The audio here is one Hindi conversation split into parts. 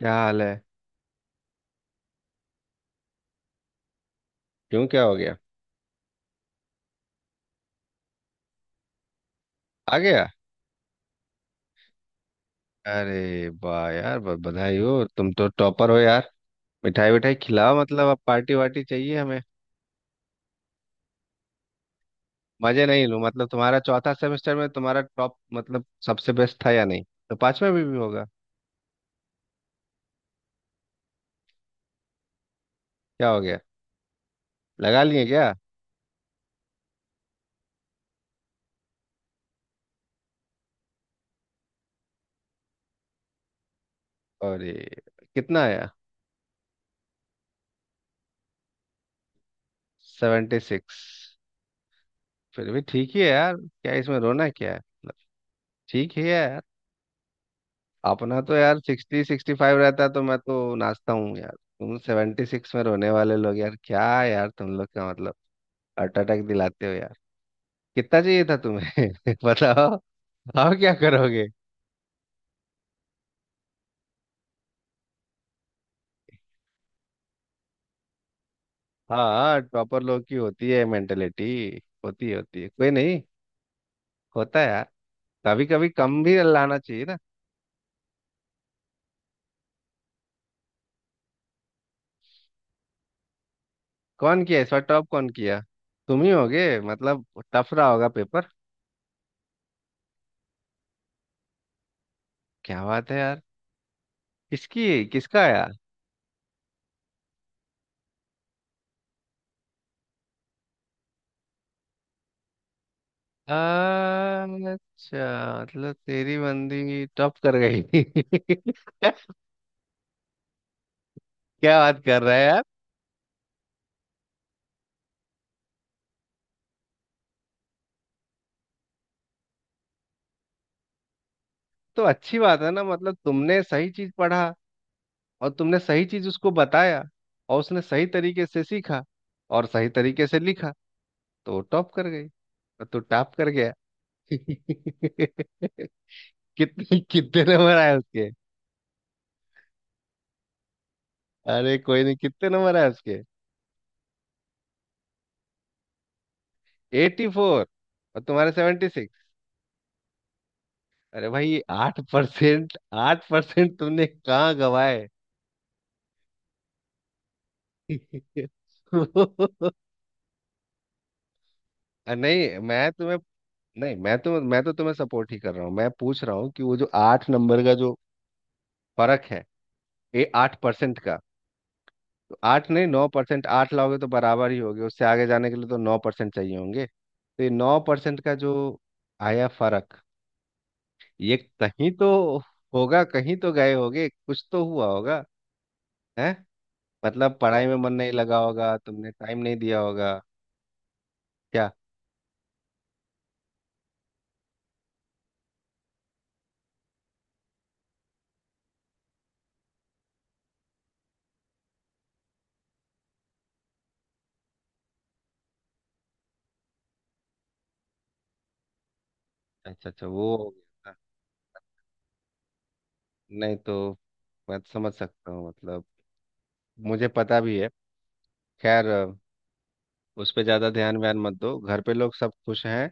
क्या हाल है? क्यों, क्या हो गया? आ गया? अरे वाह यार, बधाई हो। तुम तो टॉपर हो यार। मिठाई विठाई खिलाओ, मतलब अब पार्टी वार्टी चाहिए हमें। मजे नहीं लूं? मतलब तुम्हारा चौथा सेमेस्टर में तुम्हारा टॉप मतलब सबसे बेस्ट था या नहीं? तो पांचवा में भी होगा। क्या हो गया? लगा लिए क्या? और कितना आया? 76? फिर भी ठीक ही है यार, क्या इसमें रोना क्या है, मतलब ठीक ही है यार। अपना तो यार 60 65 रहता तो मैं तो नाचता हूँ यार। तुम 76 में रोने वाले लोग यार, क्या यार तुम लोग का मतलब हार्ट अटैक दिलाते हो यार। कितना चाहिए था तुम्हें? बताओ। अब क्या करोगे? हाँ, टॉपर लोग की होती है मेंटेलिटी, होती है होती है, कोई नहीं, होता है यार। कभी कभी कम भी लाना चाहिए ना। कौन किया इस बार टॉप? कौन किया? तुम ही होगे मतलब। टफ रहा होगा पेपर। क्या बात है यार। किसकी? किसका आया? अच्छा। मतलब तेरी बंदी टॉप कर गई? क्या बात कर रहा है यार। तो अच्छी बात है ना, मतलब तुमने सही चीज पढ़ा और तुमने सही चीज उसको बताया और उसने सही तरीके से सीखा और सही तरीके से लिखा, तो वो टॉप कर गई और तू टॉप कर गया। कितने कितने नंबर आए उसके? अरे कोई नहीं, कितने नंबर आए उसके? 84 और तुम्हारे 76। अरे भाई 8%! 8% तुमने कहाँ गवाए? नहीं मैं तुम्हें, नहीं मैं तो तुम्हें सपोर्ट ही कर रहा हूँ। मैं पूछ रहा हूँ कि वो जो 8 नंबर का जो फर्क है, ये 8% का। तो 8 नहीं 9%, 8 लाओगे तो बराबर ही होगे उससे, आगे जाने के लिए तो 9% चाहिए होंगे। तो ये 9% का जो आया फर्क, ये कहीं तो होगा, कहीं तो गए होगे, कुछ तो हुआ होगा है। मतलब पढ़ाई में मन नहीं लगा होगा, तुमने टाइम नहीं दिया होगा। क्या? अच्छा अच्छा, वो हो गया था। नहीं तो मैं समझ सकता हूँ मतलब, मुझे पता भी है। खैर उस पे ज़्यादा ध्यान व्यान मत दो, घर पे लोग सब खुश हैं,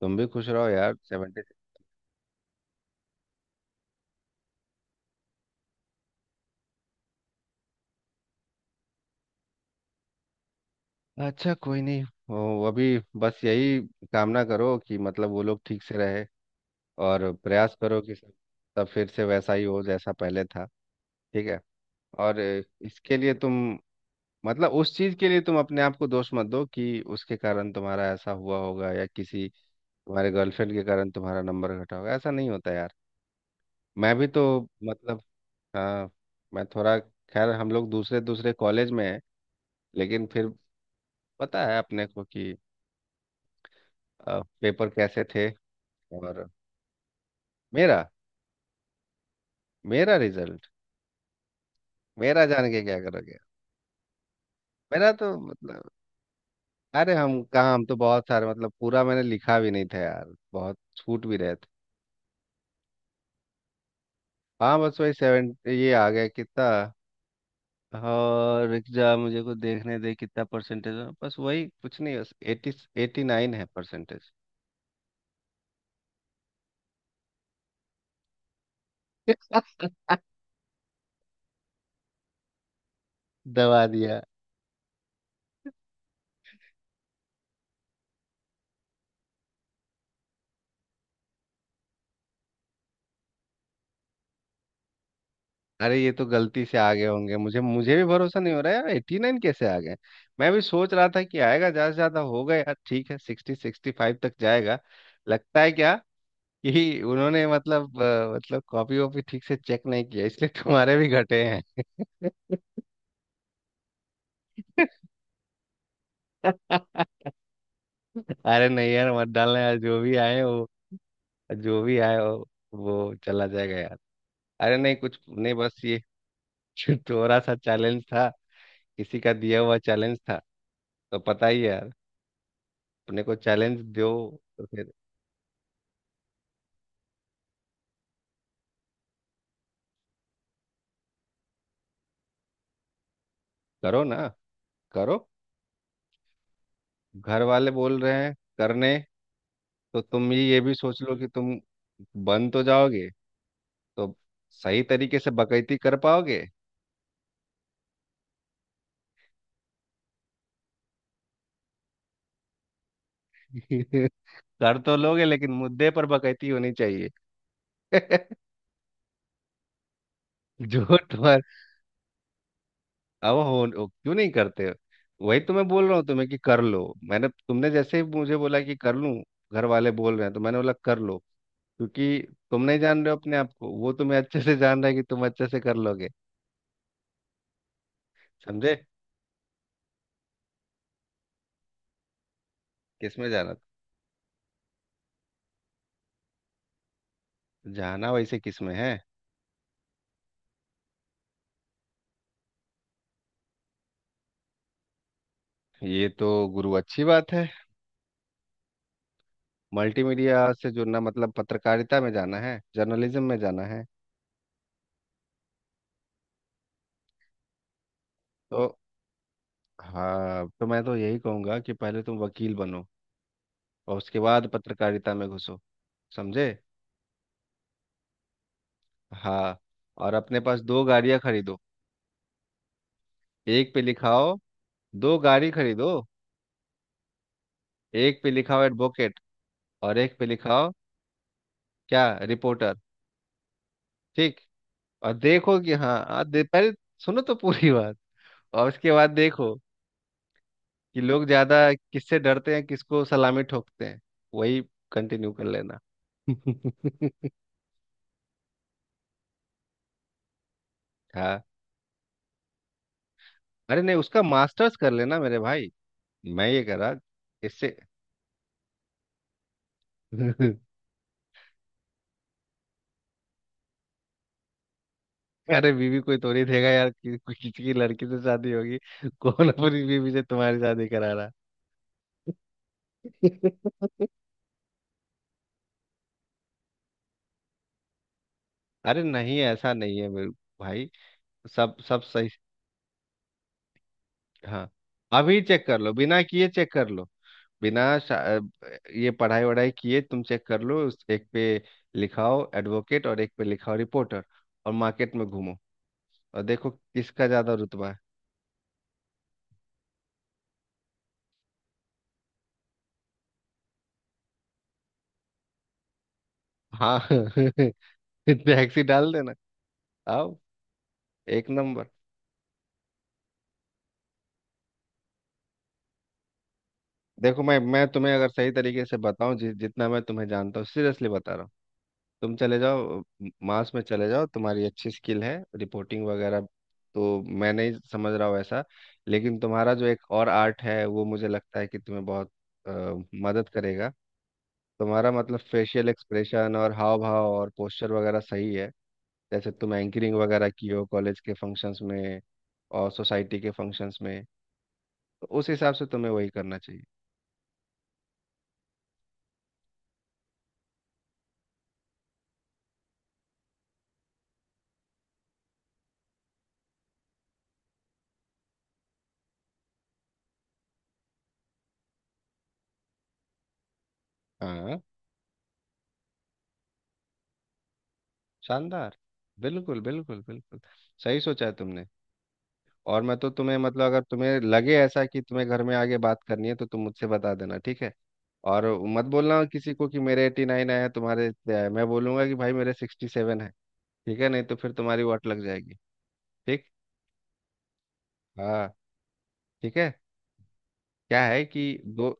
तुम भी खुश रहो यार। सेवेंटी अच्छा कोई नहीं, वो अभी बस यही कामना करो कि मतलब वो लोग ठीक से रहे और प्रयास करो कि सब सब फिर से वैसा ही हो जैसा पहले था, ठीक है। और इसके लिए तुम मतलब उस चीज के लिए तुम अपने आप को दोष मत दो कि उसके कारण तुम्हारा ऐसा हुआ होगा, या किसी तुम्हारे गर्लफ्रेंड के कारण तुम्हारा नंबर घटा होगा, ऐसा नहीं होता यार। मैं भी तो मतलब, हाँ, मैं थोड़ा, खैर हम लोग दूसरे दूसरे कॉलेज में हैं लेकिन फिर पता है अपने को कि पेपर कैसे थे। और मेरा, मेरा रिजल्ट, मेरा जान के क्या करोगे? मेरा तो मतलब, अरे हम कहाँ, हम तो बहुत सारे मतलब पूरा मैंने लिखा भी नहीं था यार, बहुत छूट भी रहे थे। हाँ बस वही सेवन ये आ गया कितना, और रुक जा मुझे को देखने दे कितना परसेंटेज है, बस वही कुछ नहीं, बस 80 89 है परसेंटेज। दबा दिया। अरे ये तो गलती से आ गए होंगे, मुझे मुझे भी भरोसा नहीं हो रहा है यार, 89 कैसे आ गए। मैं भी सोच रहा था कि आएगा ज्यादा से ज्यादा होगा यार, ठीक है 60 65 तक जाएगा। लगता है क्या कि उन्होंने मतलब मतलब कॉपी वॉपी ठीक से चेक नहीं किया इसलिए तुम्हारे भी घटे हैं। अरे नहीं यार मत डालना यार, जो भी आए वो, जो भी आए वो चला जाएगा यार। अरे नहीं कुछ नहीं बस ये थोड़ा सा चैलेंज था, किसी का दिया हुआ चैलेंज था, तो पता ही है यार, अपने को चैलेंज दो। तो फिर करो ना, करो, घर वाले बोल रहे हैं करने। तो तुम ये भी सोच लो कि तुम बन तो जाओगे, तो सही तरीके से बकैती कर पाओगे। कर तो लोगे लेकिन मुद्दे पर बकैती होनी चाहिए। जो तुम्हारे अब हो क्यों नहीं करते, वही तो मैं बोल रहा हूँ तुम्हें कि कर लो। मैंने तुमने जैसे ही मुझे बोला कि कर लूँ, घर वाले बोल रहे हैं, तो मैंने बोला कर लो। क्योंकि तुम नहीं जान रहे हो अपने आप को, वो तुम्हें अच्छे से जान रहा है कि तुम अच्छे से कर लोगे। समझे? किसमें जाना? जाना वैसे किसमें है? ये तो गुरु अच्छी बात है। मल्टीमीडिया से जुड़ना मतलब पत्रकारिता में जाना है, जर्नलिज्म में जाना है तो। हाँ, तो मैं तो यही कहूंगा कि पहले तुम वकील बनो और उसके बाद पत्रकारिता में घुसो। समझे? हाँ। और अपने पास दो गाड़ियां खरीदो, एक पे लिखाओ, दो गाड़ी खरीदो, एक पे लिखाओ एडवोकेट और एक पे लिखाओ, क्या, रिपोर्टर। ठीक। और देखो कि हाँ पहले सुनो तो पूरी बात, और उसके बाद देखो कि लोग ज्यादा किससे डरते हैं, किसको सलामी ठोकते हैं, वही कंटिन्यू कर लेना। हाँ। अरे नहीं, उसका मास्टर्स कर लेना मेरे भाई। मैं ये करा इससे। अरे बीवी कोई थोड़ी देगा यार, किसी की लड़की से शादी होगी। कौन अपनी बीवी से तुम्हारी शादी करा रहा है? अरे नहीं ऐसा नहीं है मेरे भाई, सब सब सही, हाँ। अभी चेक कर लो, बिना किए चेक कर लो, बिना शा- ये पढ़ाई वढ़ाई किए तुम चेक कर लो, उस एक पे लिखाओ एडवोकेट और एक पे लिखाओ रिपोर्टर और मार्केट में घूमो और देखो किसका ज्यादा रुतबा है। हाँ टैक्सी डाल देना। आओ, एक नंबर। देखो मैं तुम्हें अगर सही तरीके से बताऊं, जितना मैं तुम्हें जानता हूँ सीरियसली बता रहा हूँ, तुम चले जाओ मास में चले जाओ, तुम्हारी अच्छी स्किल है रिपोर्टिंग वगैरह, तो मैं नहीं समझ रहा हूँ ऐसा। लेकिन तुम्हारा जो एक और आर्ट है वो मुझे लगता है कि तुम्हें बहुत अ, मदद करेगा। तुम्हारा मतलब फेशियल एक्सप्रेशन और हाव भाव और पोस्चर वगैरह सही है, जैसे तुम एंकरिंग वगैरह की हो कॉलेज के फंक्शंस में और सोसाइटी के फंक्शंस में, तो उस हिसाब से तुम्हें वही करना चाहिए। हाँ, शानदार। बिल्कुल बिल्कुल बिल्कुल, सही सोचा है तुमने। और मैं तो तुम्हें मतलब अगर तुम्हें लगे ऐसा कि तुम्हें घर में आगे बात करनी है तो तुम मुझसे बता देना, ठीक है। और मत बोलना किसी को कि मेरे 89 आया, तुम्हारे इतने आए, मैं बोलूंगा कि भाई मेरे 67 है, ठीक है, नहीं तो फिर तुम्हारी वाट लग जाएगी। ठीक। हाँ, ठीक है। क्या है कि दो,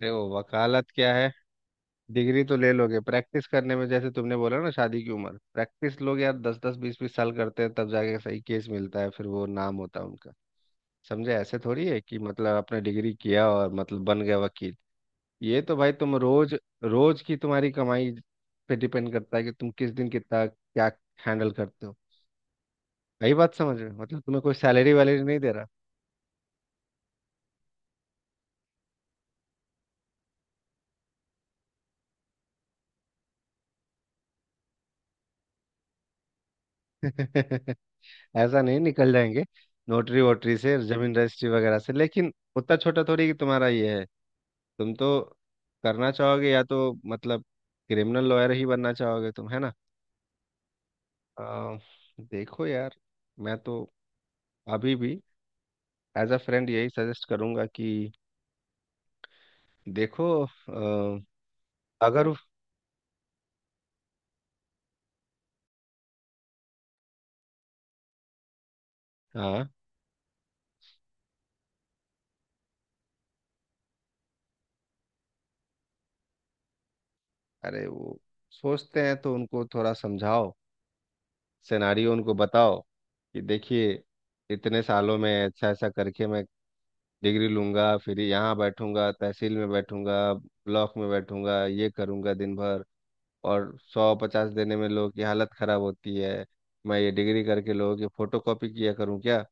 देखो वकालत क्या है, डिग्री तो ले लोगे, प्रैक्टिस करने में जैसे तुमने बोला ना शादी की उम्र, प्रैक्टिस लोग यार 10 10 20 20 साल करते हैं तब जाके सही केस मिलता है फिर वो नाम होता है उनका। समझे? ऐसे थोड़ी है कि मतलब आपने डिग्री किया और मतलब बन गए वकील। ये तो भाई तुम रोज, रोज की तुम्हारी कमाई पे डिपेंड करता है कि तुम किस दिन कितना क्या हैंडल करते हो। यही बात समझ रहे हो, मतलब तुम्हें कोई सैलरी वैलरी नहीं दे रहा। ऐसा नहीं, निकल जाएंगे नोटरी वोटरी से, जमीन रजिस्ट्री वगैरह से, लेकिन उतना छोटा थोड़ी कि तुम्हारा ये है। तुम तो करना चाहोगे या तो मतलब क्रिमिनल लॉयर ही बनना चाहोगे तुम, है ना। अ, देखो यार, मैं तो अभी भी एज अ फ्रेंड यही सजेस्ट करूंगा कि देखो अगर, हाँ। अरे वो सोचते हैं तो उनको थोड़ा समझाओ, सिनारियो उनको बताओ कि देखिए इतने सालों में ऐसा ऐसा करके मैं डिग्री लूंगा, फिर यहाँ बैठूंगा, तहसील में बैठूंगा, ब्लॉक में बैठूंगा, ये करूंगा दिन भर और 100 150 देने में लोगों की हालत खराब होती है, मैं ये डिग्री करके लोगों की फोटो कॉपी किया करूँ क्या?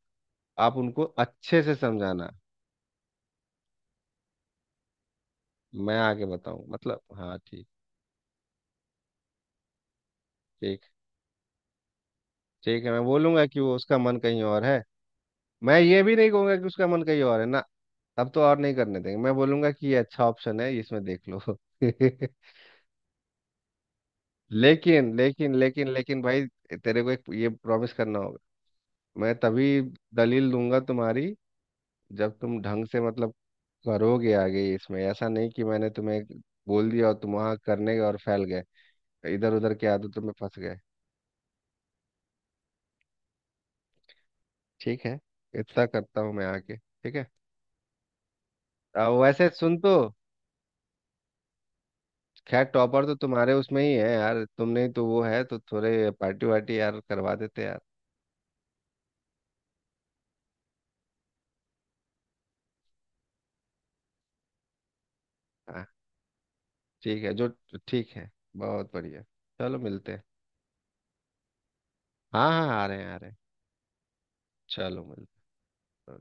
आप उनको अच्छे से समझाना। मैं आगे बताऊं मतलब, हाँ, ठीक, ठीक। ठीक है, मैं बोलूंगा कि वो उसका मन कहीं और है, मैं ये भी नहीं कहूंगा कि उसका मन कहीं और है ना, अब तो और नहीं करने देंगे, मैं बोलूंगा कि ये अच्छा ऑप्शन है इसमें देख लो। लेकिन लेकिन लेकिन लेकिन भाई, तेरे को एक ये प्रॉमिस करना होगा, मैं तभी दलील दूंगा तुम्हारी जब तुम ढंग से मतलब करोगे आगे, इसमें ऐसा नहीं कि मैंने तुम्हें बोल दिया और तुम वहां करने गए और फैल गए, इधर उधर के आदतों में फंस गए। ठीक है, इतना करता हूँ मैं आके, ठीक है। वैसे सुन तो, खैर टॉपर तो तुम्हारे उसमें ही है यार, तुमने ही तो वो है, तो थोड़े पार्टी वार्टी यार करवा देते यार। हाँ ठीक है, जो, ठीक है, बहुत बढ़िया, चलो मिलते हैं। हाँ हाँ आ रहे हैं आ रहे हैं, चलो मिलते हैं।